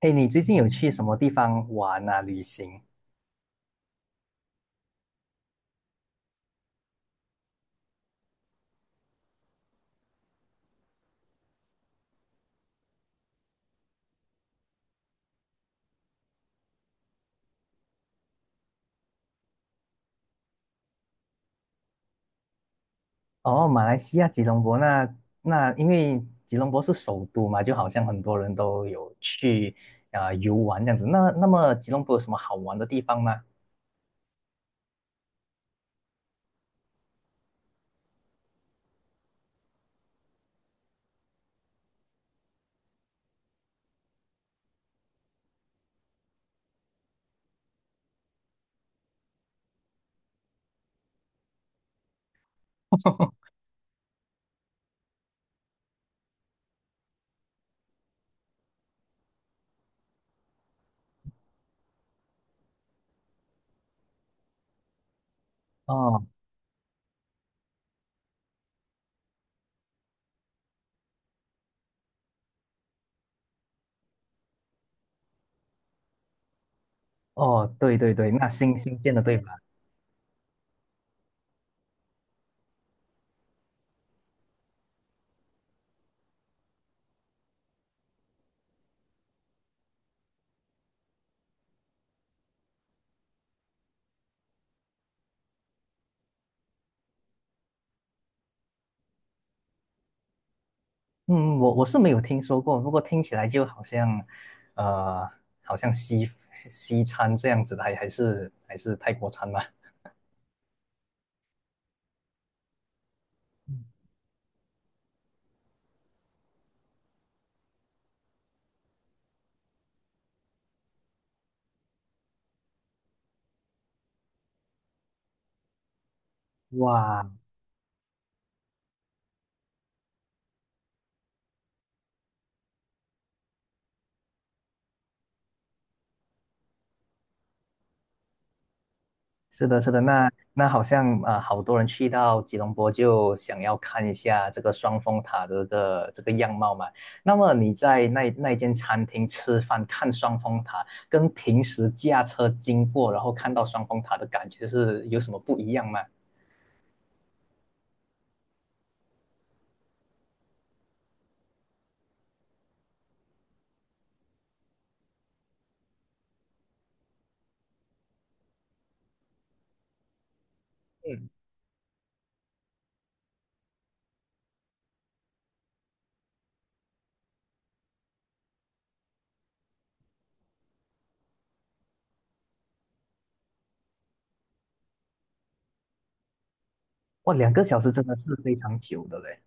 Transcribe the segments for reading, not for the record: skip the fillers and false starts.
嘿，你最近有去什么地方玩啊？旅行？哦，马来西亚吉隆坡那那，因为吉隆坡是首都嘛，就好像很多人都有去游玩这样子。那那么吉隆坡有什么好玩的地方吗？哦哦，对对对，那新建的对吧？嗯，我是没有听说过，不过听起来就好像，呃，好像西餐这样子的，还是泰国餐吧？哇，是的，是的，那那好像好多人去到吉隆坡就想要看一下这个双峰塔的这个这个样貌嘛。那么你在那那间餐厅吃饭看双峰塔，跟平时驾车经过然后看到双峰塔的感觉是有什么不一样吗？嗯，哇，两个小时真的是非常久的嘞。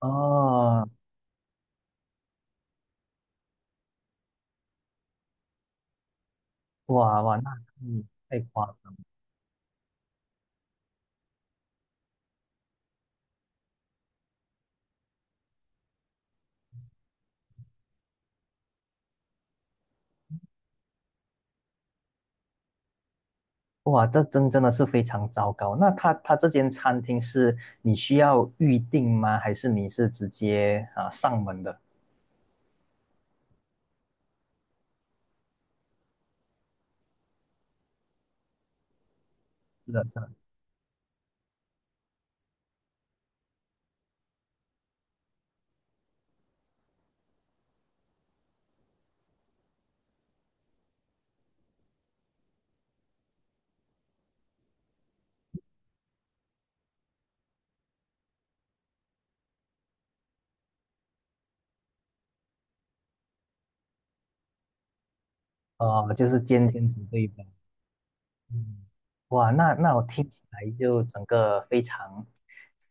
哦，哇哇，那嗯，太夸哇，这真真的是非常糟糕。那他这间餐厅是你需要预定吗？还是你是直接上门的？是的，是的。呃，就是间天准备。嗯，哇，那那我听起来就整个非常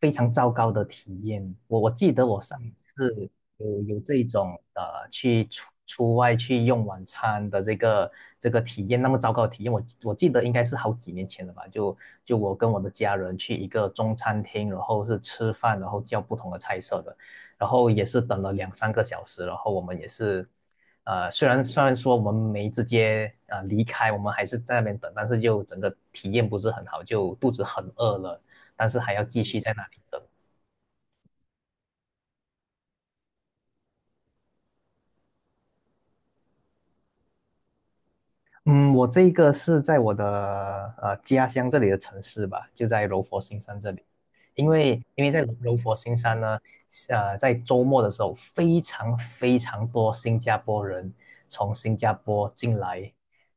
非常糟糕的体验。我记得我上嗯次有这种去出外去用晚餐的这个这个体验，那么糟糕的体验，我记得应该是好几年前了吧？就就我跟我的家人去一个中餐厅，然后是吃饭，然后叫不同的菜色的，然后也是等了两三个小时，然后我们也是。呃，虽然说我们没直接离开，我们还是在那边等，但是就整个体验不是很好，就肚子很饿了，但是还要继续在那里等。嗯，我这个是在我的家乡这里的城市吧，就在柔佛新山这里。因为在柔佛新山呢，呃，在周末的时候，非常非常多新加坡人从新加坡进来，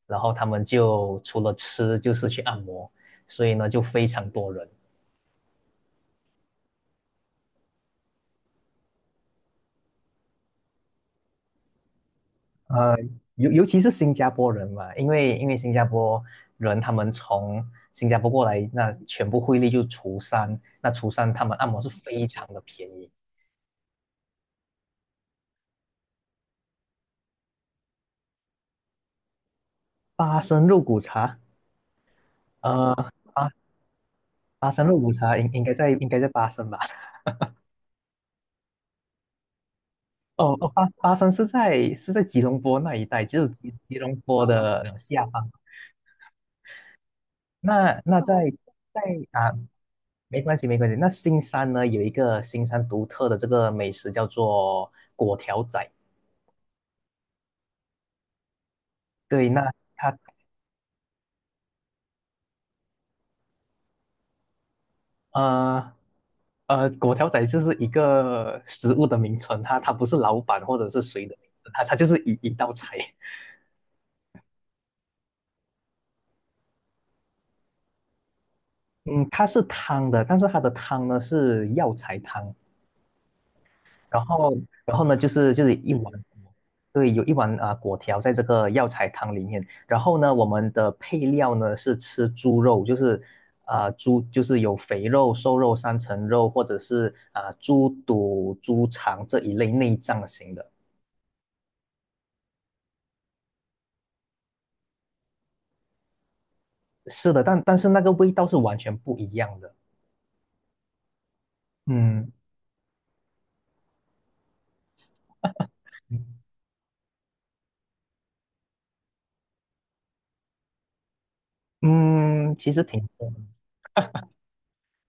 然后他们就除了吃就是去按摩，所以呢就非常多人。呃，尤其是新加坡人嘛，因为新加坡人他们从新加坡过来，那全部汇率就除三，那除三他们按摩是非常的便宜，八升肉骨茶，呃，八八升肉骨茶应该在应该在八升吧？哦哦，八升是在是在吉隆坡那一带，只有吉隆坡的下方。那那在在啊，没关系没关系。那新山呢有一个新山独特的这个美食叫做粿条仔。对，那它呃，果条仔就是一个食物的名称，它不是老板或者是谁的名字，它就是一道菜。嗯，它是汤的，但是它的汤呢是药材汤，然后然后呢就是就是一碗，对，有一碗果条在这个药材汤里面，然后呢我们的配料呢是吃猪肉，就是猪就是有肥肉、瘦肉、三层肉或者是猪肚、猪肠这一类内脏型的。是的，但但是那个味道是完全不一样的。嗯嗯，其实挺多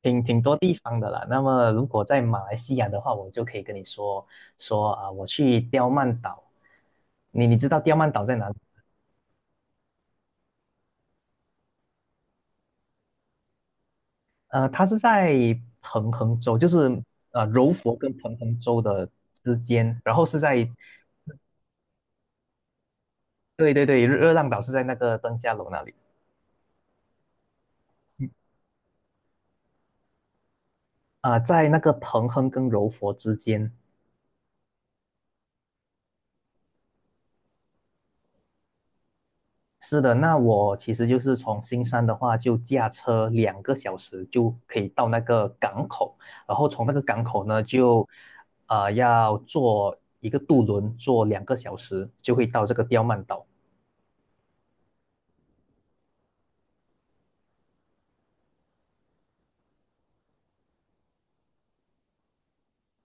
挺多地方的啦。那么如果在马来西亚的话，我就可以跟你说说啊，我去刁曼岛。你知道刁曼岛在哪里？呃，它是在彭亨州，就是柔佛跟彭亨州的之间，然后是在对对对，热浪岛是在那个登嘉楼那里，嗯，在那个彭亨跟柔佛之间。是的，那我其实就是从新山的话，就驾车两个小时就可以到那个港口，然后从那个港口呢，就要坐一个渡轮，坐两个小时就会到这个刁曼岛。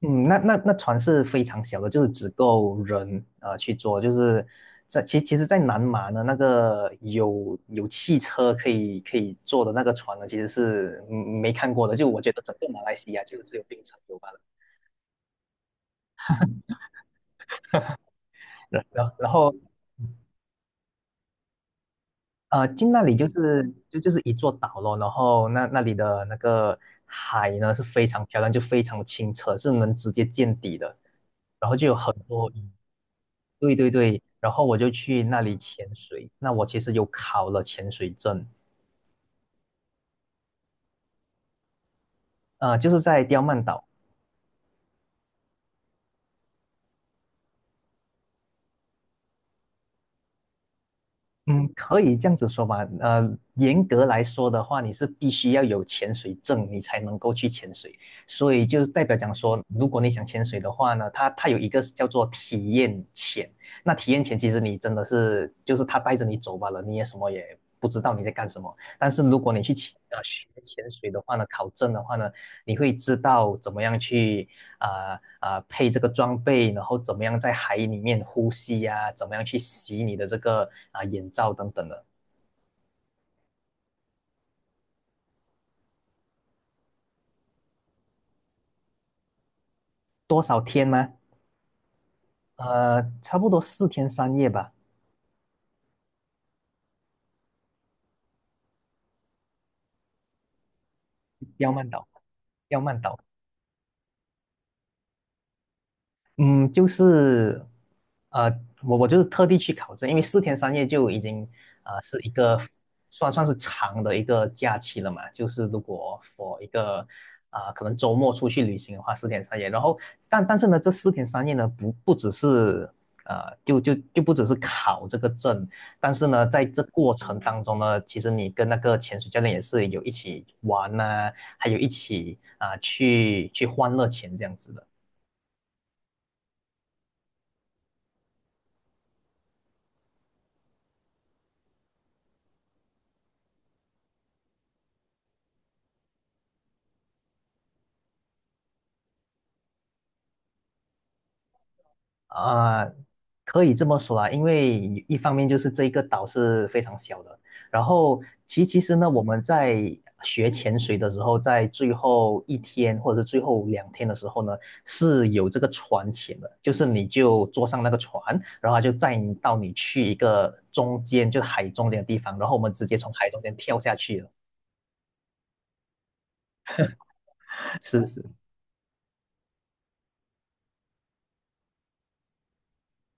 嗯，那那船是非常小的，就是只够人去坐，就是在其实，在南马呢，那个有汽车可以坐的那个船呢，其实是嗯没看过的，就我觉得整个马来西亚就只有槟城有罢了。然然后。呃，进那里就是就是一座岛咯，然后那那里的那个海呢是非常漂亮，就非常的清澈，是能直接见底的。然后就有很多鱼，对对对，然后我就去那里潜水。那我其实有考了潜水证，呃，就是在刁曼岛。嗯，可以这样子说吧。呃，严格来说的话，你是必须要有潜水证，你才能够去潜水。所以就是代表讲说，如果你想潜水的话呢，它有一个叫做体验潜。那体验潜其实你真的是就是它带着你走罢了，你也什么也不知道你在干什么。但是如果你去潜啊学潜水的话呢，考证的话呢，你会知道怎么样去配这个装备，然后怎么样在海里面呼吸呀、怎么样去洗你的这个眼罩等等的。多少天吗？呃，差不多四天三夜吧。刁曼岛，刁曼岛。嗯，就是，呃，我就是特地去考证，因为四天三夜就已经，呃，是一个算是长的一个假期了嘛。就是如果 for 一个，可能周末出去旅行的话，四天三夜。然后，但但是呢，这四天三夜呢，不只是，呃，就不只是考这个证，但是呢，在这过程当中呢，其实你跟那个潜水教练也是有一起玩呐、还有一起去去欢乐潜这样子的。啊、可以这么说啦，因为一方面就是这一个岛是非常小的，然后其实呢，我们在学潜水的时候，在最后一天或者是最后两天的时候呢，是有这个船潜的，就是你就坐上那个船，然后它就载你到你去一个中间，就是海中间的地方，然后我们直接从海中间跳下去了。是是。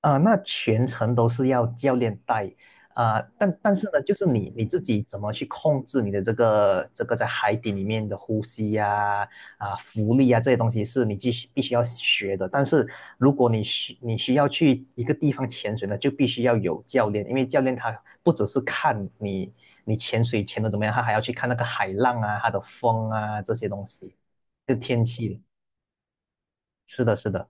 啊、那全程都是要教练带啊、但但是呢，就是你自己怎么去控制你的这个这个在海底里面的呼吸呀、啊、浮力啊这些东西是你必须必须要学的。但是如果你需要去一个地方潜水呢，就必须要有教练，因为教练他不只是看你你潜水潜的怎么样，他还要去看那个海浪啊、它的风啊这些东西，就天气。是的，是的。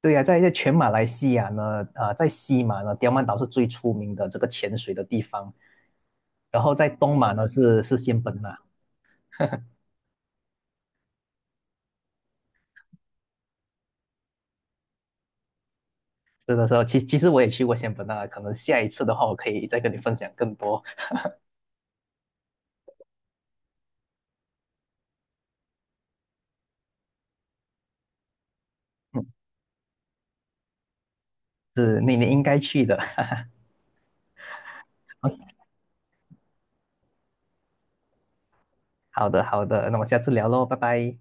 对呀、在全马来西亚呢，啊、在西马呢，刁曼岛是最出名的这个潜水的地方，然后在东马呢是仙本那，是的时候，其实我也去过仙本那，可能下一次的话，我可以再跟你分享更多，嗯，是你应该去的。好的好的，那我们下次聊喽，拜拜。